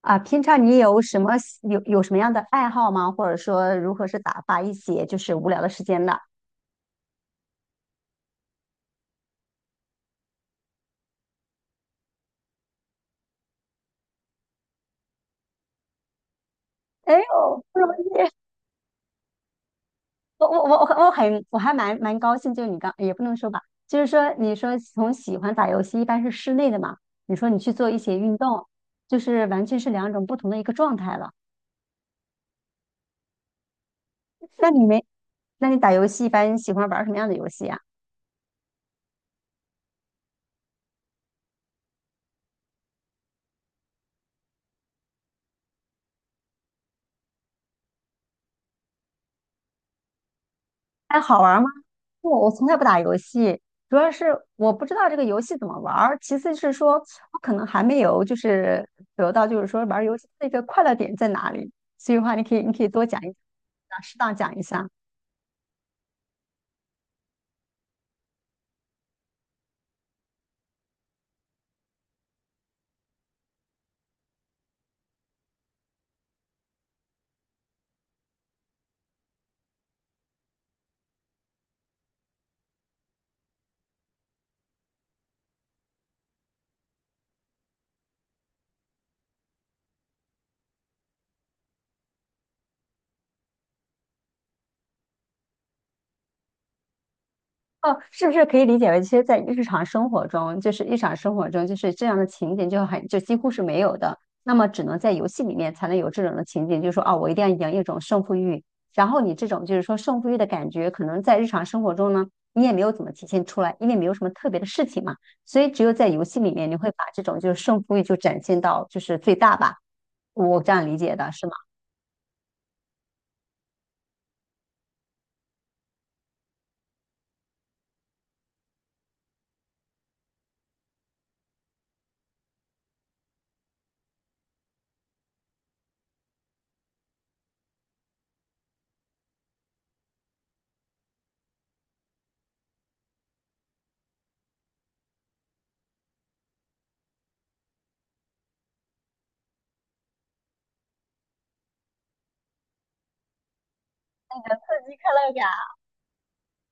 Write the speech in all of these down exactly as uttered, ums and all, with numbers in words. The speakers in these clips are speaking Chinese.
啊，平常你有什么喜有有什么样的爱好吗？或者说如何是打发一些就是无聊的时间的？哎呦，不容易！我我我我我很我还蛮蛮高兴，就是你刚也不能说吧，就是说你说从喜欢打游戏一般是室内的嘛，你说你去做一些运动，就是完全是两种不同的一个状态了。那你没，那你打游戏一般喜欢玩什么样的游戏啊？还好玩吗？不，我从来不打游戏，主要是我不知道这个游戏怎么玩儿，其次是说我可能还没有就是得到就是说玩儿游戏的一个快乐点在哪里，所以的话你可以你可以多讲一讲，适当讲一下。哦，是不是可以理解为，其实，在日常生活中，就是日常生活中，就是这样的情景就很就几乎是没有的。那么，只能在游戏里面才能有这种的情景，就是说啊，我一定要赢一种胜负欲。然后你这种就是说胜负欲的感觉，可能在日常生活中呢，你也没有怎么体现出来，因为没有什么特别的事情嘛。所以，只有在游戏里面，你会把这种就是胜负欲就展现到就是最大吧。我这样理解的是吗？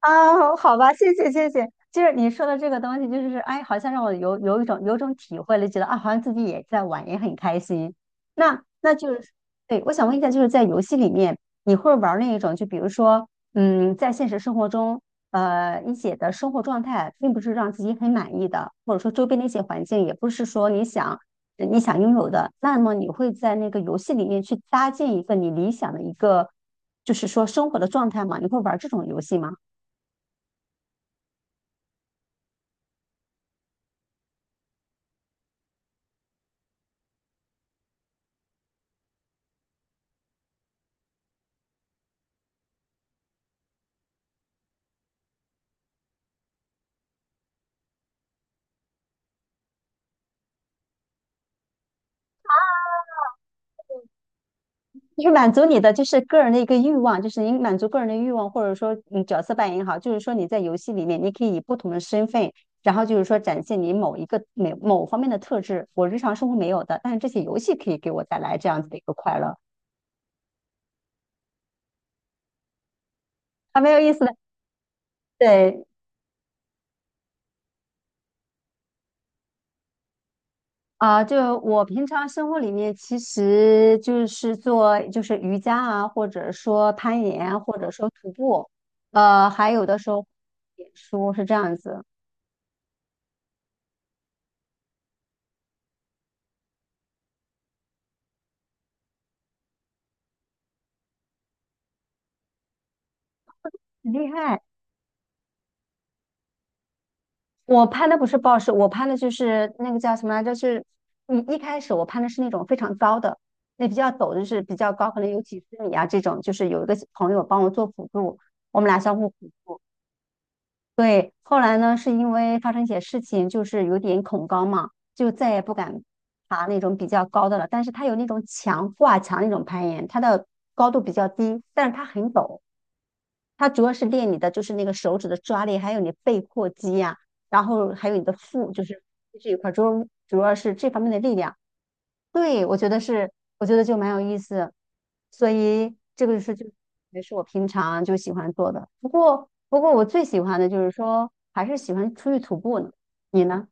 啊，好吧，谢谢谢谢。就是你说的这个东西，就是哎，好像让我有有一种有种体会了，觉得啊，好像自己也在玩，也很开心。那那就是，对，我想问一下，就是在游戏里面，你会玩那一种，就比如说，嗯，在现实生活中，呃，你写的生活状态并不是让自己很满意的，或者说周边的一些环境也不是说你想你想拥有的，那么你会在那个游戏里面去搭建一个你理想的一个，就是说生活的状态吗？你会玩这种游戏吗？就是满足你的就是个人的一个欲望，就是你满足个人的欲望，或者说你角色扮演也好，就是说你在游戏里面，你可以以不同的身份，然后就是说展现你某一个某某方面的特质，我日常生活没有的，但是这些游戏可以给我带来这样子的一个快乐，还蛮有意思的。对啊，就我平常生活里面，其实就是做就是瑜伽啊，或者说攀岩啊或者说徒步，呃，还有的时候写书是这样子，很厉害。我攀的不是 b o 我攀的就是那个叫什么来着？就是，你一开始我攀的是那种非常高的，那比较陡，就是比较高，可能有几十米啊这种。就是有一个朋友帮我做辅助，我们俩相互辅助。对，后来呢，是因为发生一些事情，就是有点恐高嘛，就再也不敢爬那种比较高的了。但是它有那种墙挂墙那种攀岩，它的高度比较低，但是它很陡。它主要是练你的就是那个手指的抓力，还有你背阔肌呀、然后还有你的腹，就是这一块儿，主要主要是这方面的力量。对，我觉得是，我觉得就蛮有意思，所以这个是就也是我平常就喜欢做的。不过，不过我最喜欢的就是说，还是喜欢出去徒步呢。你呢？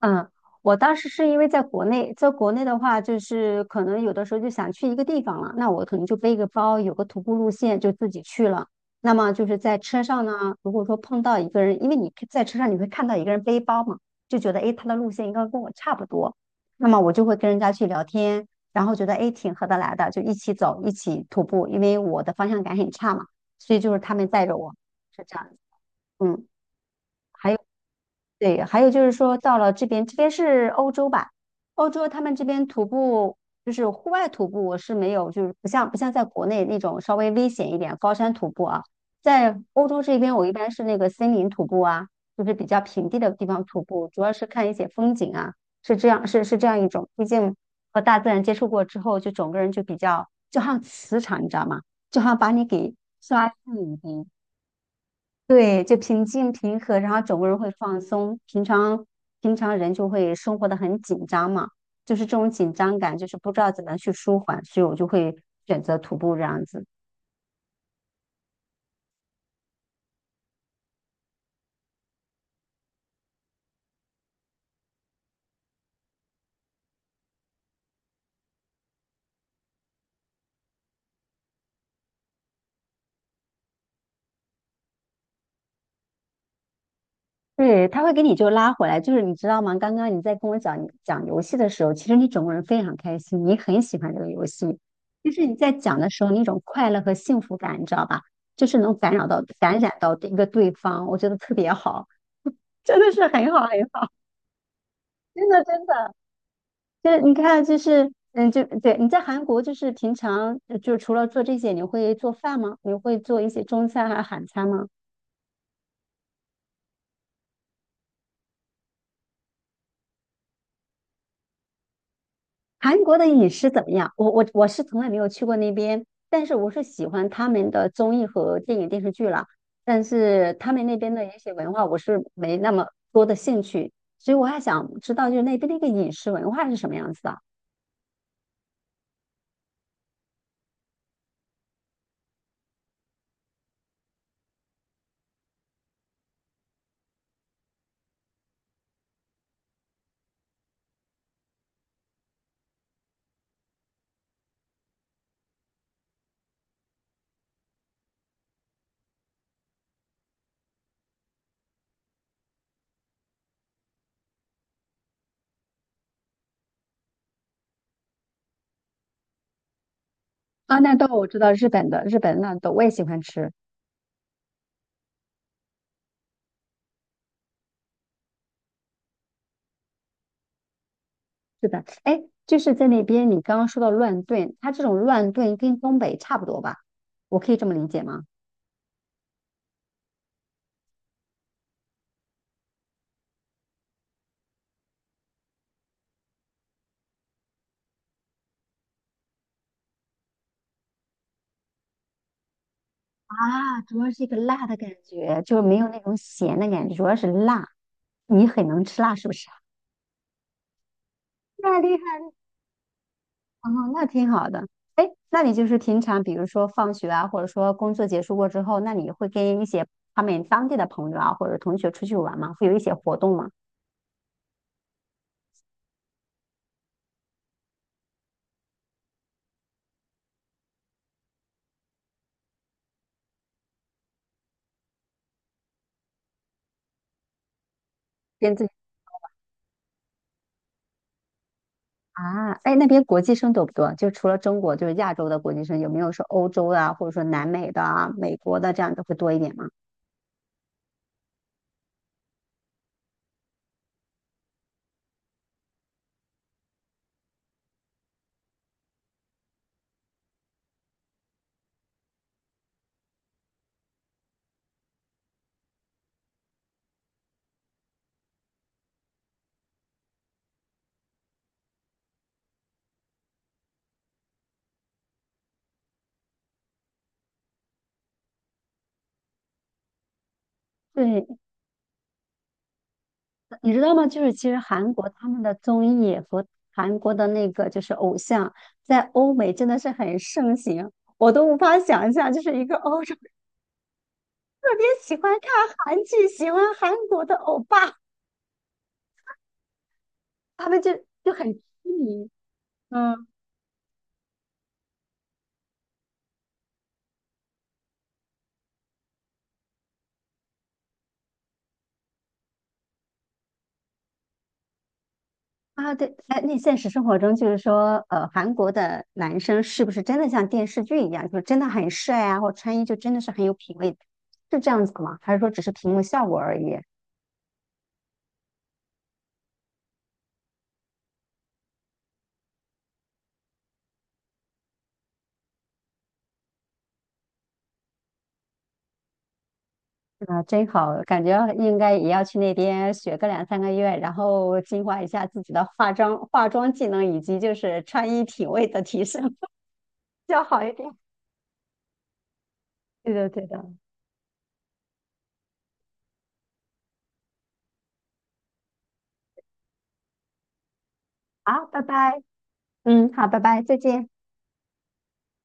嗯，我当时是因为在国内，在国内的话，就是可能有的时候就想去一个地方了，那我可能就背个包，有个徒步路线就自己去了。那么就是在车上呢，如果说碰到一个人，因为你在车上你会看到一个人背包嘛，就觉得诶，他的路线应该跟我差不多，那么我就会跟人家去聊天，然后觉得诶挺合得来的，就一起走，一起徒步，因为我的方向感很差嘛，所以就是他们带着我，是这样子嗯，还有。对，还有就是说到了这边，这边是欧洲吧？欧洲他们这边徒步就是户外徒步我是没有，就是不像不像在国内那种稍微危险一点高山徒步啊，在欧洲这边我一般是那个森林徒步啊，就是比较平地的地方徒步，主要是看一些风景啊，是这样是是这样一种。毕竟和大自然接触过之后，就整个人就比较就好像磁场，你知道吗？就好像把你给刷新一遍，对，就平静平和，然后整个人会放松。平常平常人就会生活的很紧张嘛，就是这种紧张感，就是不知道怎么去舒缓，所以我就会选择徒步这样子。对，他会给你就拉回来，就是你知道吗？刚刚你在跟我讲讲游戏的时候，其实你整个人非常开心，你很喜欢这个游戏。就是你在讲的时候那种快乐和幸福感，你知道吧？就是能感染到感染到一个对方，我觉得特别好，真的是很好很好，真的真的。就是你看，就是嗯，就对你在韩国，就是平常呃就除了做这些，你会做饭吗？你会做一些中餐还是韩餐吗？韩国的饮食怎么样？我我我是从来没有去过那边，但是我是喜欢他们的综艺和电影电视剧了，但是他们那边的一些文化，我是没那么多的兴趣，所以我还想知道，就是那边的一个饮食文化是什么样子的啊？那豆我知道，日本的日本的纳豆我也喜欢吃。是的，哎，就是在那边，你刚刚说到乱炖，它这种乱炖跟东北差不多吧？我可以这么理解吗？啊，主要是一个辣的感觉，就没有那种咸的感觉，主要是辣。你很能吃辣是不是？那厉害哦，那挺好的。哎，那你就是平常，比如说放学啊，或者说工作结束过之后，那你会跟一些他们当地的朋友啊，或者同学出去玩吗？会有一些活动吗？跟自己啊，哎，那边国际生多不多？就除了中国，就是亚洲的国际生，有没有说欧洲的啊、或者说南美的啊、美国的这样的会多一点吗？对，你知道吗？就是其实韩国他们的综艺和韩国的那个就是偶像，在欧美真的是很盛行，我都无法想象，就是一个欧洲特别喜欢看韩剧，喜欢韩国的欧巴，他们就就很痴迷。嗯。啊，对，哎，那现实生活中就是说，呃，韩国的男生是不是真的像电视剧一样，就是真的很帅啊，或穿衣就真的是很有品味，是这样子吗？还是说只是屏幕效果而已？啊，真好，感觉应该也要去那边学个两三个月，然后进化一下自己的化妆化妆技能，以及就是穿衣品味的提升，比较好一点。对的，对的。好，拜拜。嗯，好，拜拜，再见。